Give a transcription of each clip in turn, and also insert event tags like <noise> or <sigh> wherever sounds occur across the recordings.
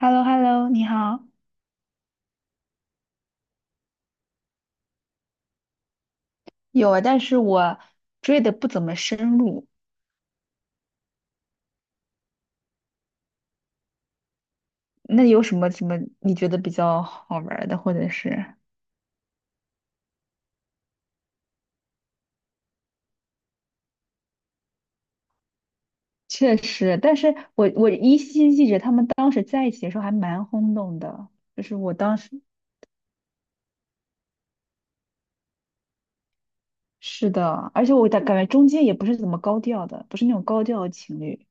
h e l l o h e l l o 你好。有啊，但是我追的不怎么深入。那有什么你觉得比较好玩儿的，或者是？确实，但是我依稀记着他们当时在一起的时候还蛮轰动的，就是我当时是的，而且我感觉中间也不是怎么高调的，不是那种高调的情侣。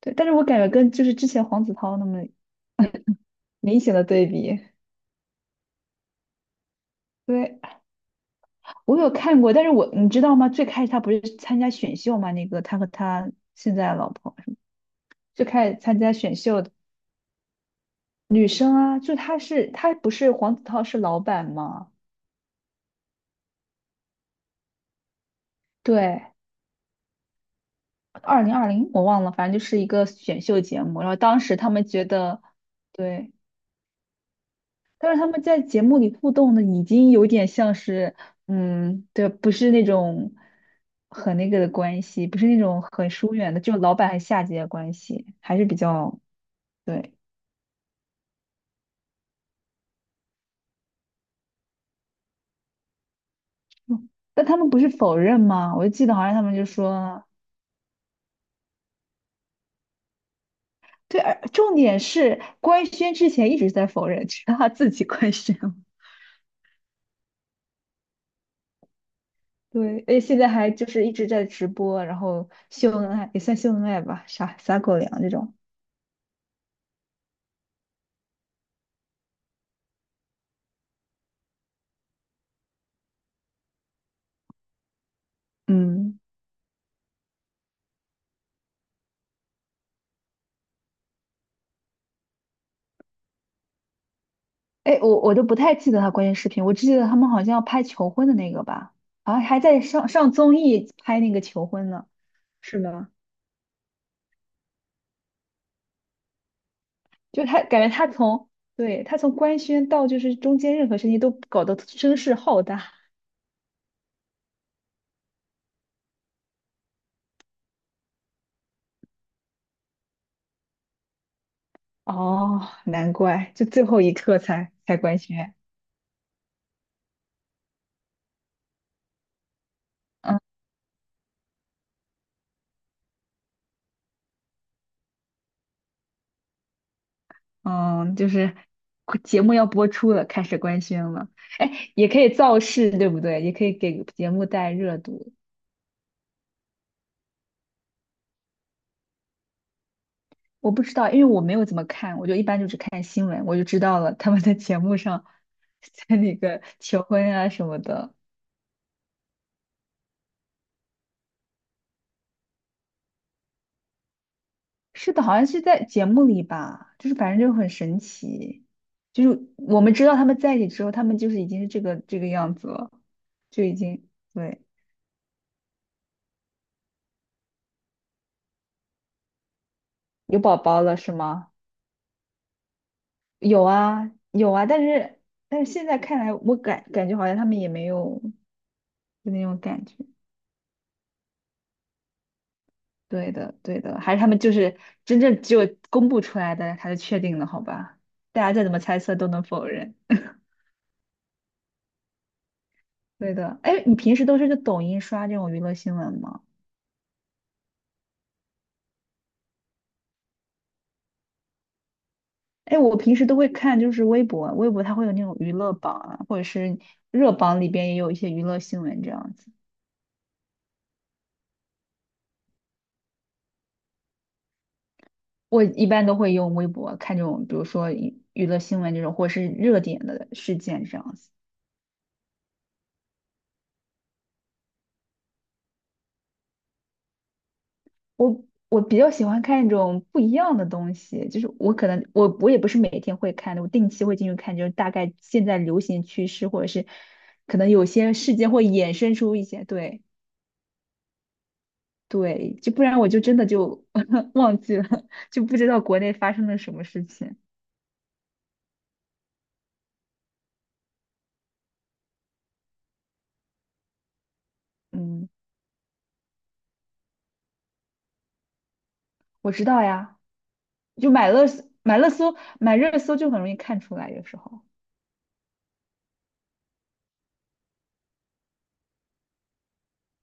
对，但是我感觉跟就是之前黄子韬那么明显的对比。对，我有看过，但是我你知道吗？最开始他不是参加选秀嘛，那个他和他现在的老婆。就开始参加选秀的女生啊，就她是她不是黄子韬是老板吗？对，2020我忘了，反正就是一个选秀节目。然后当时他们觉得，对，但是他们在节目里互动的已经有点像是，嗯，对，不是那种很那个的关系，不是那种很疏远的，就老板和下级的关系，还是比较对。嗯但他们不是否认吗？我就记得好像他们就说，对，而重点是官宣之前一直在否认，直到他自己官宣了 <laughs> 对，而且现在还就是一直在直播，然后秀恩爱也算秀恩爱吧，撒撒狗粮这种。嗯，哎，我都不太记得他关键视频，我只记得他们好像要拍求婚的那个吧，啊，还在上综艺拍那个求婚呢，是吗？就他感觉他从对他从官宣到就是中间任何事情都搞得声势浩大。哦，难怪就最后一刻才官宣。嗯。嗯，就是节目要播出了，开始官宣了。哎，也可以造势，对不对？也可以给节目带热度。我不知道，因为我没有怎么看，我就一般就只看新闻，我就知道了他们在节目上 <laughs> 在那个求婚啊什么的。是的，好像是在节目里吧，就是反正就很神奇，就是我们知道他们在一起之后，他们就是已经是这个这个样子了，就已经对有宝宝了，是吗？有啊有啊，但是但是现在看来，我感觉好像他们也没有就那种感觉。对的对的，还是他们就是真正只有公布出来的，他就确定了，好吧？大家再怎么猜测都能否认。对的，哎，你平时都是在抖音刷这种娱乐新闻吗？哎，我平时都会看，就是微博，微博它会有那种娱乐榜啊，或者是热榜里边也有一些娱乐新闻这样子。我一般都会用微博看这种，比如说娱乐新闻这种，或者是热点的事件这样子。我我比较喜欢看一种不一样的东西，就是我可能我也不是每天会看的，我定期会进去看，就是大概现在流行趋势，或者是可能有些事件会衍生出一些，对对，就不然我就真的就 <laughs> 忘记了，就不知道国内发生了什么事情。嗯，我知道呀，就买热搜就很容易看出来，有时候。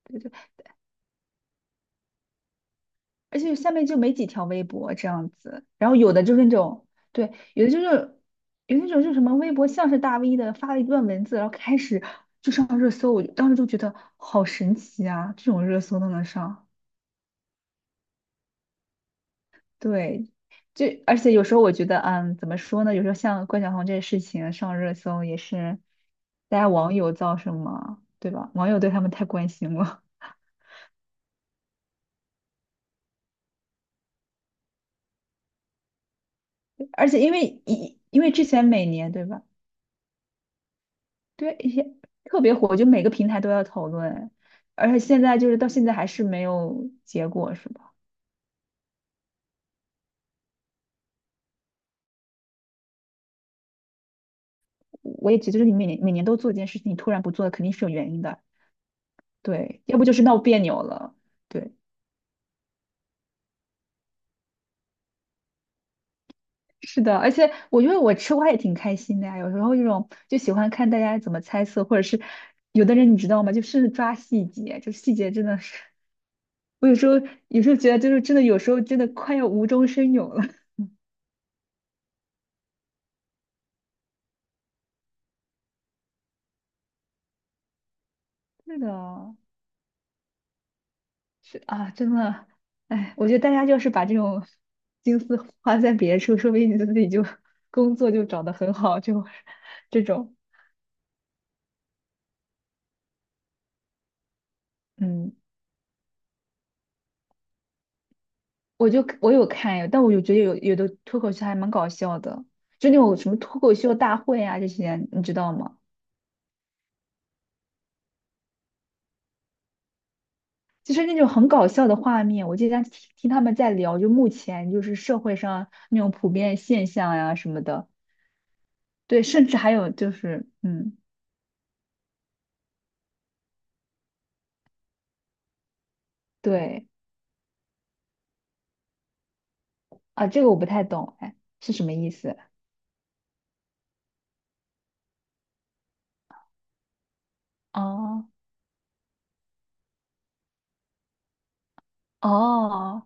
对对而且下面就没几条微博这样子，然后有的就是那种，对，有的就是有那种就是什么微博像是大 V 的发了一段文字，然后开始就上热搜，我就当时就觉得好神奇啊，这种热搜都能上，对，就而且有时候我觉得，嗯，怎么说呢？有时候像关晓彤这个事情上热搜也是大家网友造成嘛，对吧？网友对他们太关心了，<laughs> 而且因为因为之前每年对吧？对，一些特别火，就每个平台都要讨论，而且现在就是到现在还是没有结果，是吧？我也觉得，就是你每年每年都做一件事情，你突然不做，肯定是有原因的。对，要不就是闹别扭了。对，是的，而且我觉得我吃瓜也挺开心的呀，有时候这种就喜欢看大家怎么猜测，或者是有的人你知道吗？就是抓细节，就细节真的是，<laughs> 我有时候有时候觉得就是真的，有时候真的快要无中生有了。<laughs> 对的，是啊，真的，哎，我觉得大家就是把这种心思花在别处，说不定你自己就工作就找得很好，就这种，嗯，我有看，但我有觉得有的脱口秀还蛮搞笑的，就那种什么脱口秀大会啊这些，你知道吗？就是那种很搞笑的画面，我经常听他们在聊，就目前就是社会上那种普遍现象呀、什么的，对，甚至还有就是，嗯，对啊，这个我不太懂，哎，是什么意思？哦哦，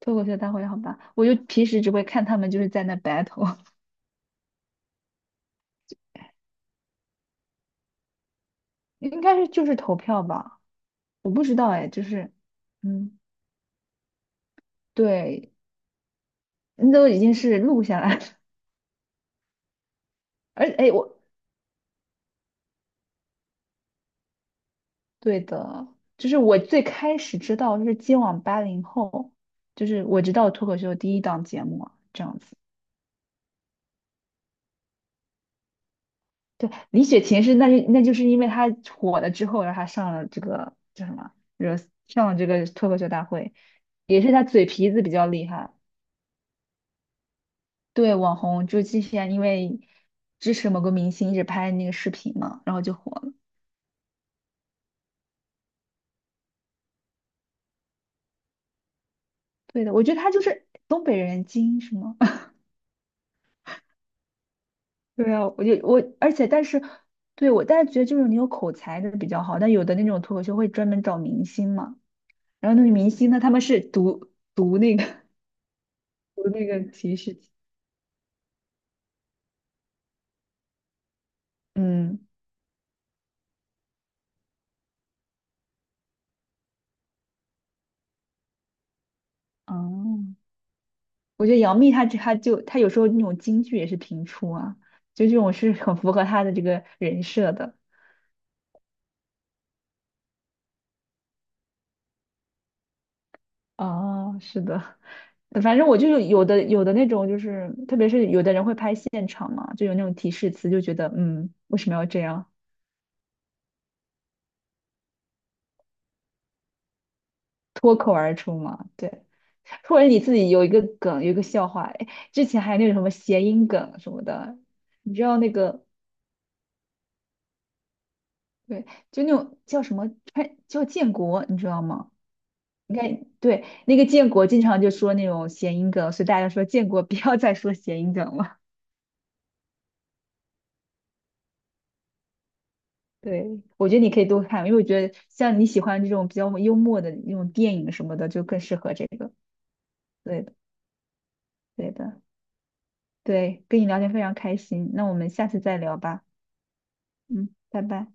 脱口秀大会好吧，我就平时只会看他们就是在那 battle,<laughs> 应该是就是投票吧，我不知道哎，就是嗯，对，那都已经是录下来了 <laughs> 而哎我对的，就是我最开始知道就是今晚80后，就是我知道脱口秀第一档节目啊这样子。对，李雪琴是那是那就是因为她火了之后，然后她上了这个叫什么，热上了这个脱口秀大会，也是她嘴皮子比较厉害。对，网红就是之前因为支持某个明星一直拍那个视频嘛，然后就火了。对的，我觉得他就是东北人精英是吗？<laughs> 对啊，我，而且但是，对我但是觉得就是你有口才的比较好，但有的那种脱口秀会专门找明星嘛，然后那个明星呢，他们是读那个 <laughs> 读那个提示，嗯，哦，我觉得杨幂她这她就她有时候那种京剧也是评出啊，就这种是很符合她的这个人设的。哦，是的。反正我就是有的那种，就是特别是有的人会拍现场嘛，就有那种提示词，就觉得嗯，为什么要这样脱口而出嘛？对，或者你自己有一个梗，有一个笑话，哎，之前还有那种什么谐音梗什么的，你知道那个对，就那种叫什么川叫建国，你知道吗？应该对，那个建国经常就说那种谐音梗，所以大家说建国 <laughs> 不要再说谐音梗了。对，我觉得你可以多看，因为我觉得像你喜欢这种比较幽默的那种电影什么的，就更适合这个。对的，对的，对，跟你聊天非常开心，那我们下次再聊吧。嗯，拜拜。